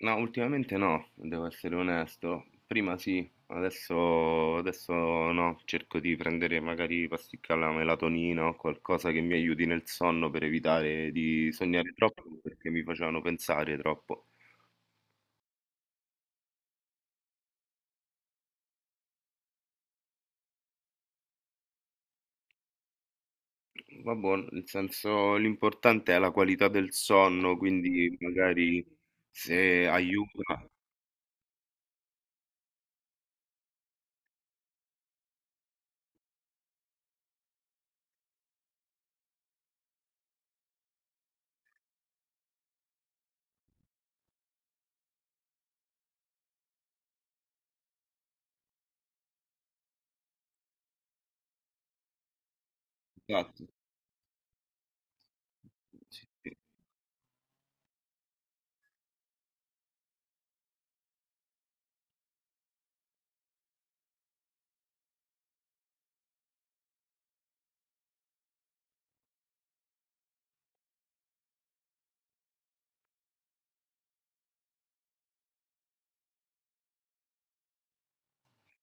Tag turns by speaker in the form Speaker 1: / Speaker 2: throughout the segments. Speaker 1: No, ultimamente no, devo essere onesto. Prima sì, adesso, adesso no. Cerco di prendere magari pasticche alla melatonina o qualcosa che mi aiuti nel sonno per evitare di sognare troppo perché mi facevano pensare troppo. Vabbè, nel senso l'importante è la qualità del sonno, quindi magari se aiuta. Esatto. Sì, sì.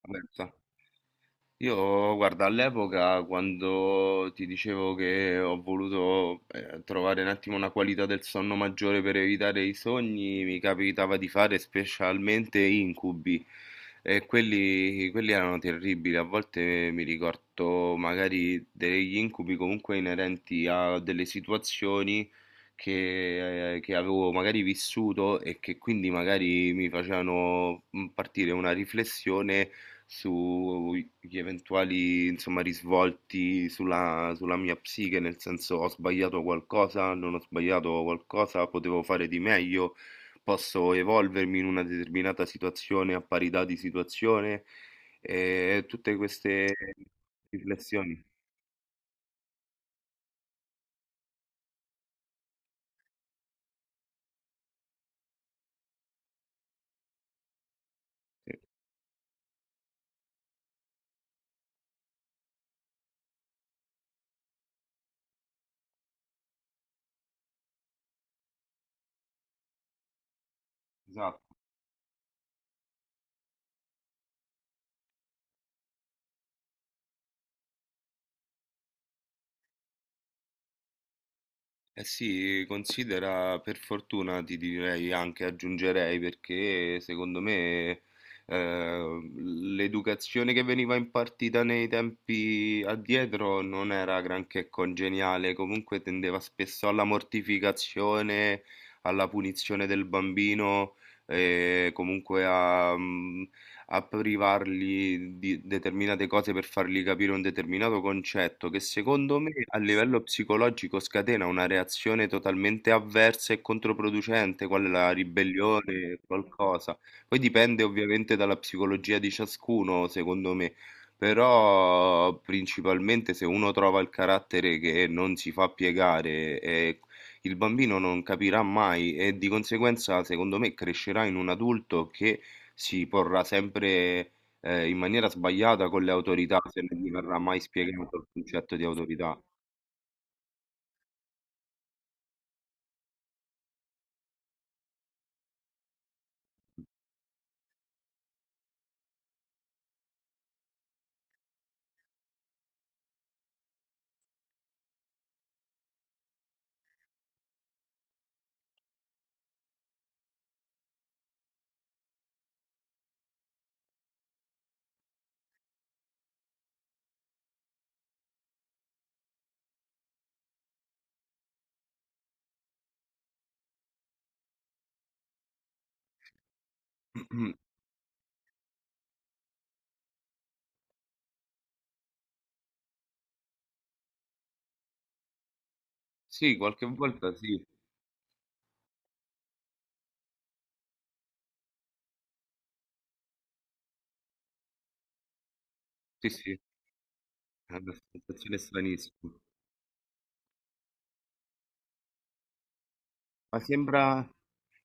Speaker 1: Vabbè, sta- Io, guarda, all'epoca quando ti dicevo che ho voluto trovare un attimo una qualità del sonno maggiore per evitare i sogni, mi capitava di fare specialmente incubi e quelli erano terribili. A volte mi ricordo magari degli incubi comunque inerenti a delle situazioni che avevo magari vissuto e che quindi magari mi facevano partire una riflessione sugli eventuali, insomma, risvolti sulla mia psiche, nel senso ho sbagliato qualcosa, non ho sbagliato qualcosa, potevo fare di meglio, posso evolvermi in una determinata situazione a parità di situazione e tutte queste riflessioni. Sì, esatto. Eh sì, considera per fortuna ti direi anche aggiungerei perché secondo me l'educazione che veniva impartita nei tempi addietro non era granché congeniale, comunque tendeva spesso alla mortificazione, alla punizione del bambino e comunque a privarli di determinate cose per fargli capire un determinato concetto che secondo me a livello psicologico scatena una reazione totalmente avversa e controproducente, quale la ribellione, qualcosa. Poi dipende ovviamente dalla psicologia di ciascuno, secondo me. Però principalmente se uno trova il carattere che non si fa piegare, e il bambino non capirà mai e di conseguenza, secondo me, crescerà in un adulto che si porrà sempre in maniera sbagliata con le autorità, se non gli verrà mai spiegato il concetto di autorità. Sì, qualche volta sì, sì, sì, è una sensazione stranissima. Ma sembra,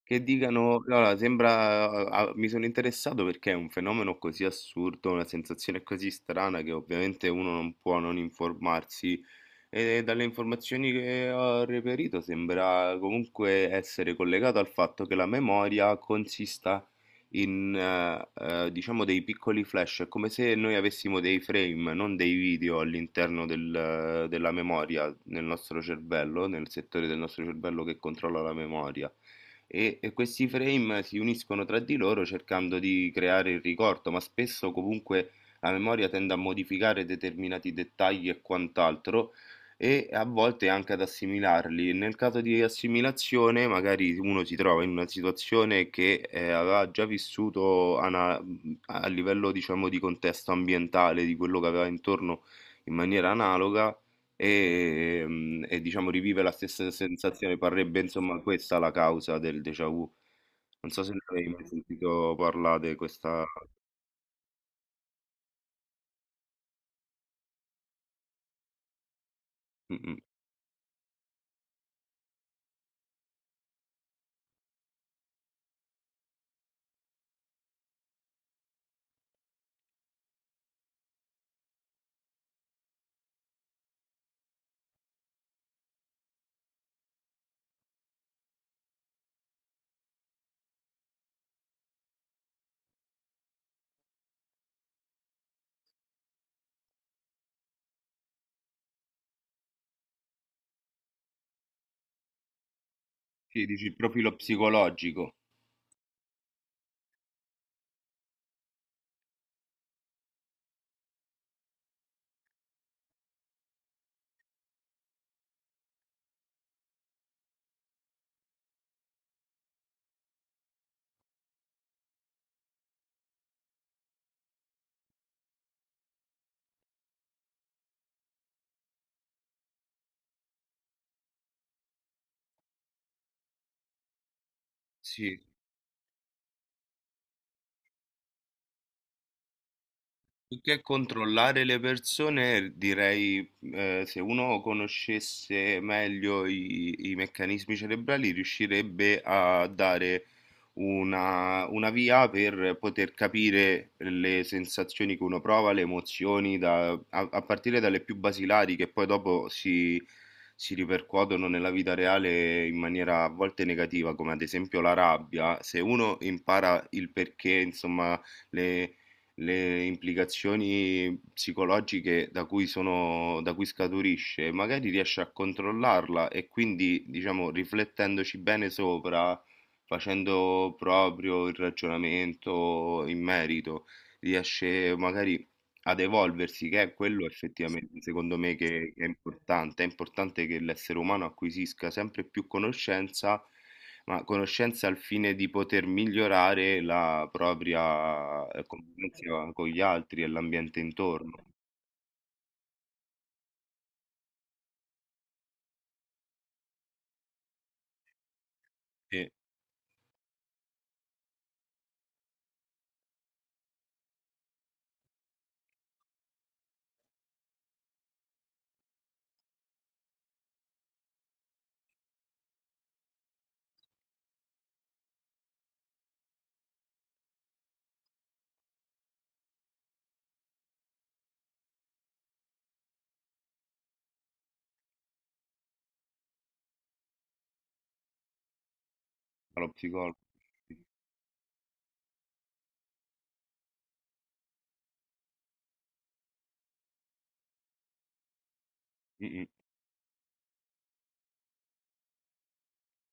Speaker 1: Che dicano: "Guarda sembra a a mi sono interessato perché è un fenomeno così assurdo, una sensazione così strana che ovviamente uno non può non informarsi e dalle informazioni che ho reperito sembra comunque essere collegato al fatto che la memoria consista in, diciamo dei piccoli flash, è come se noi avessimo dei frame, non dei video all'interno della memoria, nel nostro cervello, nel settore del nostro cervello che controlla la memoria e, questi frame si uniscono tra di loro cercando di creare il ricordo, ma spesso comunque la memoria tende a modificare determinati dettagli e quant'altro e a volte anche ad assimilarli. Nel caso di assimilazione, magari uno si trova in una situazione che aveva già vissuto a livello, diciamo, di contesto ambientale, di quello che aveva intorno in maniera analoga. E diciamo rivive la stessa sensazione, parrebbe insomma questa la causa del déjà vu. Non so se ne avevi mai sentito parlare di questa. Mh-mh. Sì, dici il profilo psicologico. Sì. Più che controllare le persone, direi, se uno conoscesse meglio i meccanismi cerebrali, riuscirebbe a dare una via per poter capire le sensazioni che uno prova, le emozioni, a, a partire dalle più basilari, che poi dopo si ripercuotono nella vita reale in maniera a volte negativa, come ad esempio la rabbia. Se uno impara il perché, insomma, le le implicazioni psicologiche da cui sono, da cui scaturisce, magari riesce a controllarla e quindi, diciamo, riflettendoci bene sopra, facendo proprio il ragionamento in merito, riesce magari ad evolversi, che è quello effettivamente secondo me che è importante. È importante che l'essere umano acquisisca sempre più conoscenza, ma conoscenza al fine di poter migliorare la propria convivenza con gli altri e l'ambiente intorno. Sì, dallo psicologo. Sì. Mm, mm.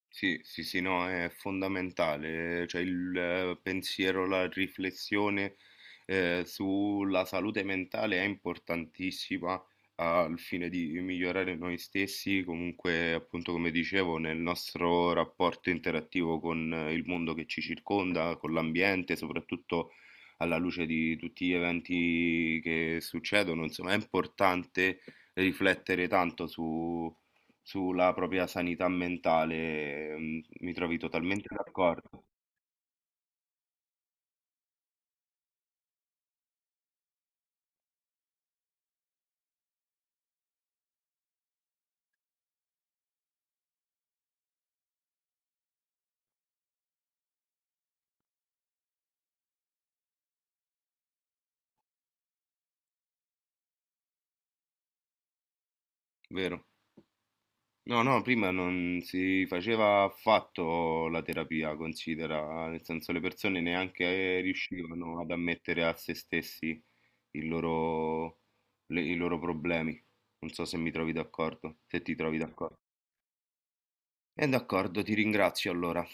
Speaker 1: Sì, sì, sì, no, è fondamentale, cioè il pensiero, la riflessione sulla salute mentale è importantissima al fine di migliorare noi stessi, comunque appunto come dicevo, nel nostro rapporto interattivo con il mondo che ci circonda, con l'ambiente, soprattutto alla luce di tutti gli eventi che succedono, insomma, è importante riflettere tanto su sulla propria sanità mentale, mm, mi trovi totalmente d'accordo, vero? No, no, prima non si faceva affatto la terapia, considera, nel senso le persone neanche riuscivano ad ammettere a se stessi il loro- i loro problemi. Non so se mi trovi d'accordo, se ti trovi d'accordo. E d'accordo, ti ringrazio allora.